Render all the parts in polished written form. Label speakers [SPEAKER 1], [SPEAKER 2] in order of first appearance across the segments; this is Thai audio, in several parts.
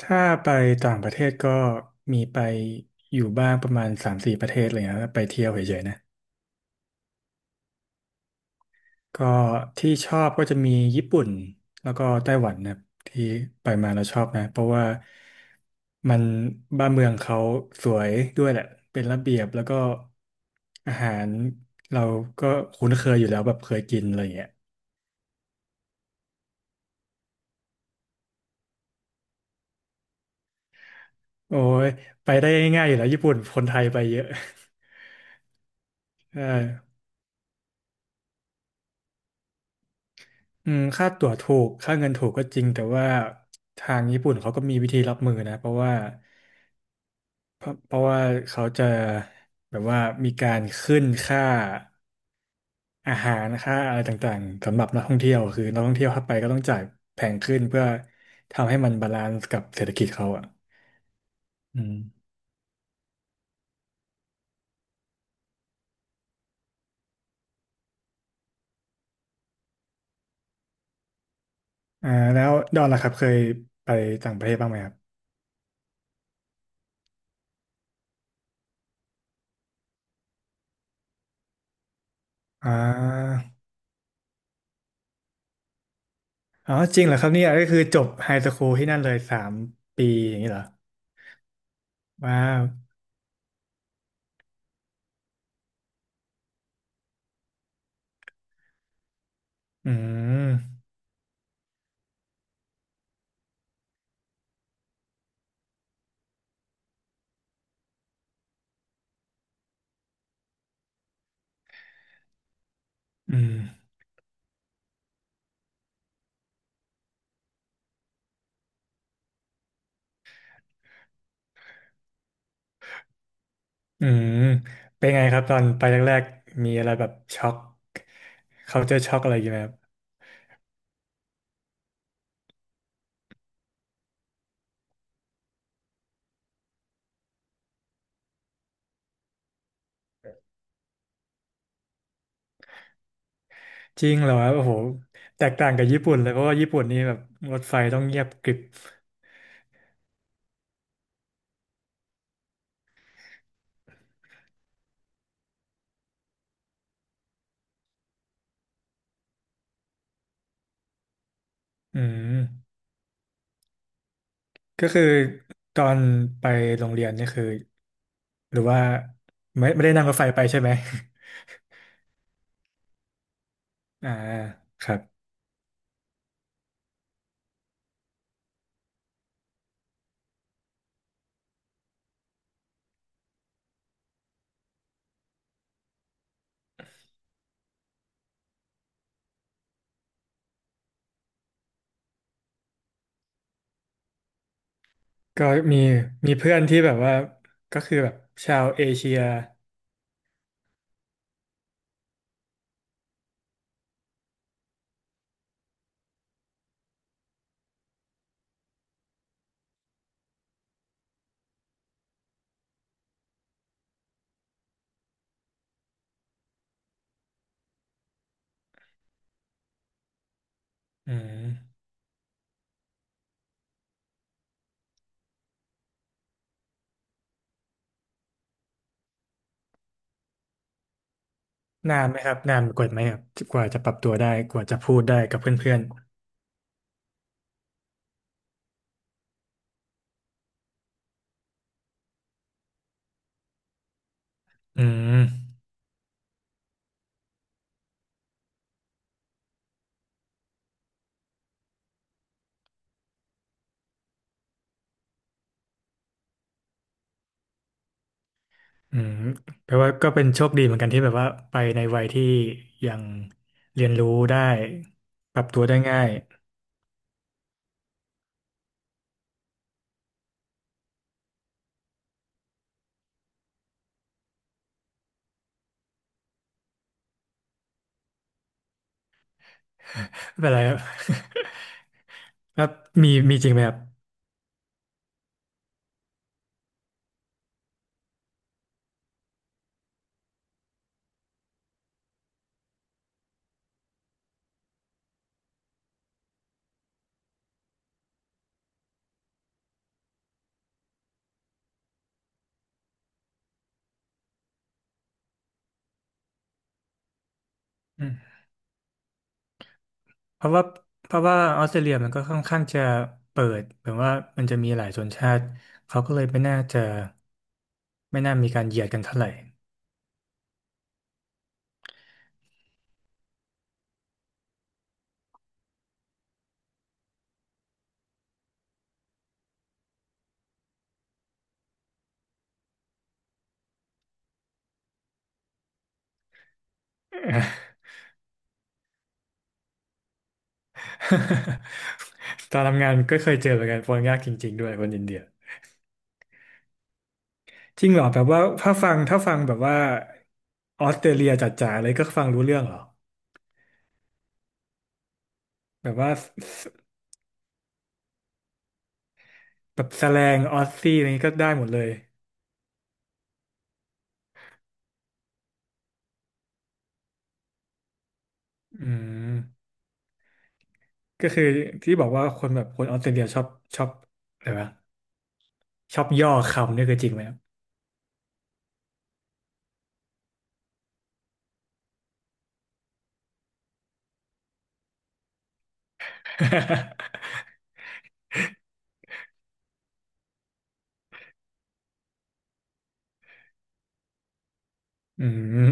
[SPEAKER 1] ถ้าไปต่างประเทศก็มีไปอยู่บ้างประมาณสามสี่ประเทศอะไรเงี้ยไปเที่ยวเฉยๆนะก็ที่ชอบก็จะมีญี่ปุ่นแล้วก็ไต้หวันนะครับที่ไปมาแล้วชอบนะเพราะว่ามันบ้านเมืองเขาสวยด้วยแหละเป็นระเบียบแล้วก็อาหารเราก็คุ้นเคยอยู่แล้วแบบเคยกินอะไรเงี้ยโอ้ยไปได้ง่ายๆอยู่แล้วญี่ปุ่นคนไทยไปเยอะ ใช่ อืมค่าตั๋วถูกค่าเงินถูกก็จริงแต่ว่าทางญี่ปุ่นเขาก็มีวิธีรับมือนะเพราะว่าเพราะเพราะว่าเขาจะแบบว่ามีการขึ้นค่าอาหารค่าอะไรต่างๆสำหรับนักท่องเที่ยวคือนักท่องเที่ยวเข้าไปก็ต้องจ่ายแพงขึ้นเพื่อทำให้มันบาลานซ์กับเศรษฐกิจเขาอ่ะอืมอ่าแล้วดอนล่ะครับเคยไปต่างประเทศบ้างไหมครับอ่าอ๋อจริงเหรอครับเนี่ยก็คือจบไฮสคูลที่นั่นเลยสามปีอย่างนี้เหรอว้าว อืม อืมอืมเป็นไงครับตอนไปแรกๆ มีอะไรแบบช็อกเขาเจอช็อกอะไรอยู่างเงี้ยไหมครับจริงเหรอครับโอ้โห แตกต่างกับญี่ปุ่นเลยเพราะว่าญี่ปุ่นนี่แบบรถไฟต้องเงียบกริบอืมก็คือตอนไปโรงเรียนนี่คือหรือว่าไม่ได้นั่งรถไฟไปใช่ไหม อ่าครับ ก็มีมีเพื่อนที่แบบว่าก็คือแบบชาวเอเชียอืม นานไหมครับนานกว่าไหมครับกว่าจะปรับตัวได้กว่าจะพูดได้กับเพื่อนๆอืมอืมแปลว่าก็เป็นโชคดีเหมือนกันที่แบบว่าไปในวัยที่ยังเรียนรู้ได้ปรับตัวได้ง่าย ไม่เป็นไรครับ แล้วมีจริงไหมครับอืมเพราะว่าเพราะว่าออสเตรเลียมันก็ค่อนข้างจะเปิดแบบว่ามันจะมีหลายชนชาติเขาก็เลยไม่น่าจะไม่น่ามีการเหยียดกันเท่าไหร่ ตอนทำงานก็เคยเจอเหมือนกันคนยากจริงๆด้วยคนอินเดียจริงเหรอแบบว่าถ้าฟังแบบว่าออสเตรเลียจ๋าๆเลยก็ฟังรู้เรื่องเหรอแบบว่าสแบบแสแลงออสซี่อะไรนี้ก็ได้หมดเลยอืมก็คือที่บอกว่าคนแบบคนออสเตรเลียชอบชอบอะไรวะชอบย่อคำนี่คือจริงไหมครับ อืม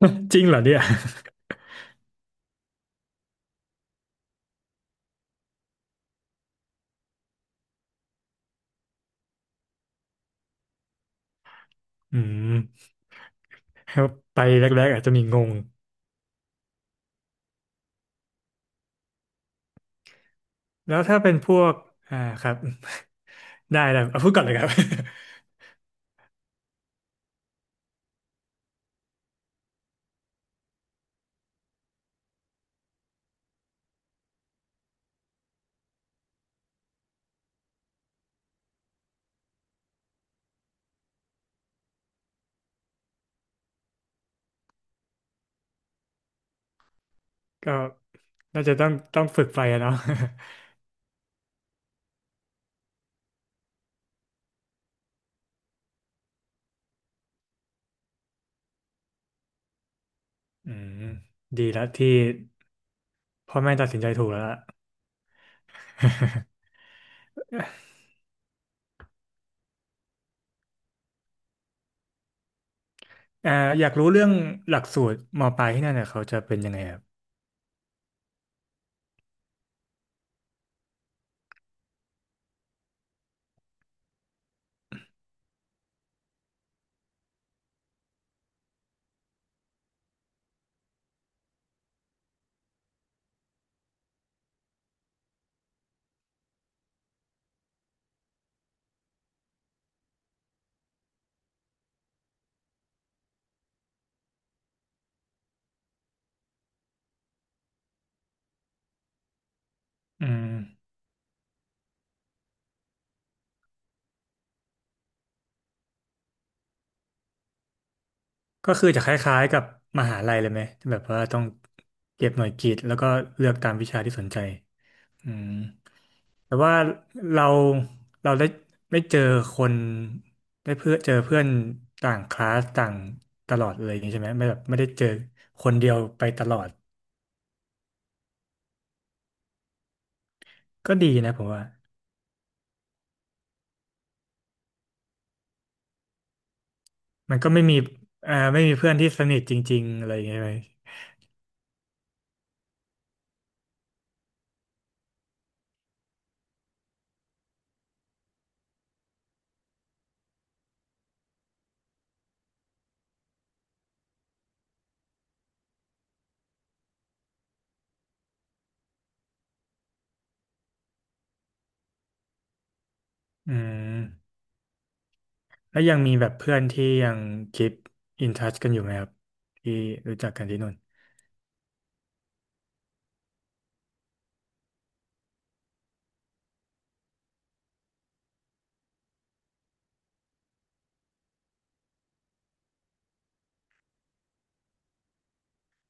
[SPEAKER 1] จริงเหรอเนี่ยอืมไปแรกๆอาจจะมีงงแล้วถ้าเป็นพวกอ่าครับ ได้เอาพูดก่อนเลยครับ ก็น่าจะต้องฝึกไปอะเนาะ อืมดีแล้วที่พ่อแม่ตัดสินใจถูกแล้วล่ะ เอ่ออยากรู้เรื่องหลักสูตรมปลายที่นั่นเนี่ยเขาจะเป็นยังไงครับอืมก็คือจะคล้ายๆกับมหาลัยเลยไหมแบบว่าต้องเก็บหน่วยกิตแล้วก็เลือกตามวิชาที่สนใจ อืมแต่ว่าเราเราได้ไม่เจอคนได้เพื่อเจอเพื่อนต่างคลาสต่างตลอดเลยอย่างนี้ใช่ไหมไม่แบบไม่ได้เจอคนเดียวไปตลอดก็ดีนะผมว่ามันก็ไม่มีไม่มีเพื่อนที่สนิทจริงๆอะไรอย่างเงี้ยไหมอืมแล้วยังมีแบบเพื่อนที่ยังคีปอินทัชกันอยู่ไหมครับที่รู้จักกันที่นู่น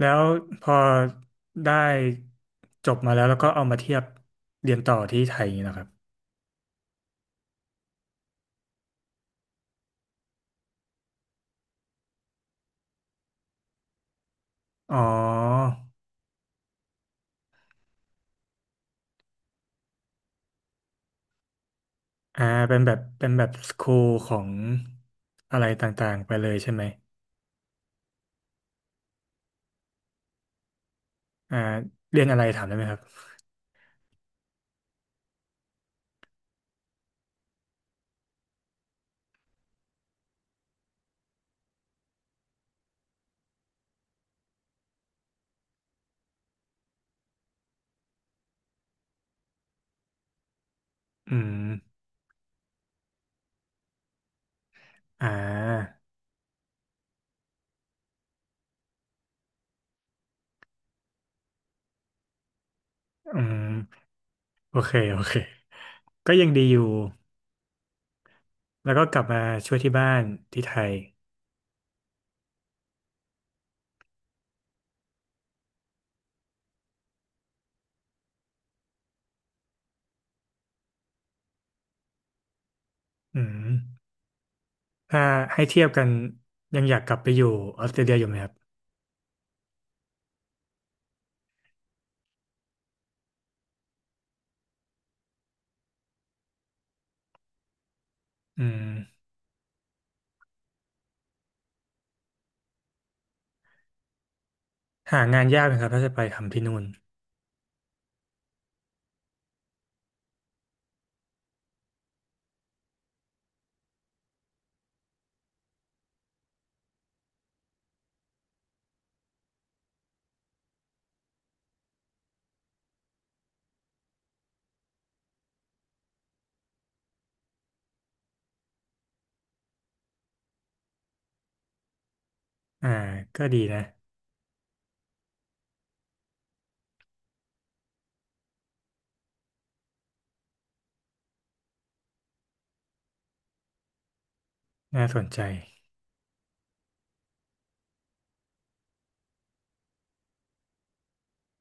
[SPEAKER 1] แล้วพอได้จบมาแล้วแล้วก็เอามาเทียบเรียนต่อที่ไทยอย่างนี้นะครับ อ๋ออ่าเป็นแบบเป็นแบบสคูลของอะไรต่างๆไปเลยใช่ไหมอ่าเรียนอะไรถามได้ไหมครับอืมอ่าอืมโอเค โอเค ก็ยังดีอยู่ แล้วก็กลับมาช่วยที่บ้านที่ไทยอืมถ้าให้เทียบกันยังอยากกลับไปอยู่ออสเตรเลียอยู่ไหมครับอืมหางานยากนะครับถ้าจะไปทำที่นู่นอ่าก็ดีนะ น่าสนใจ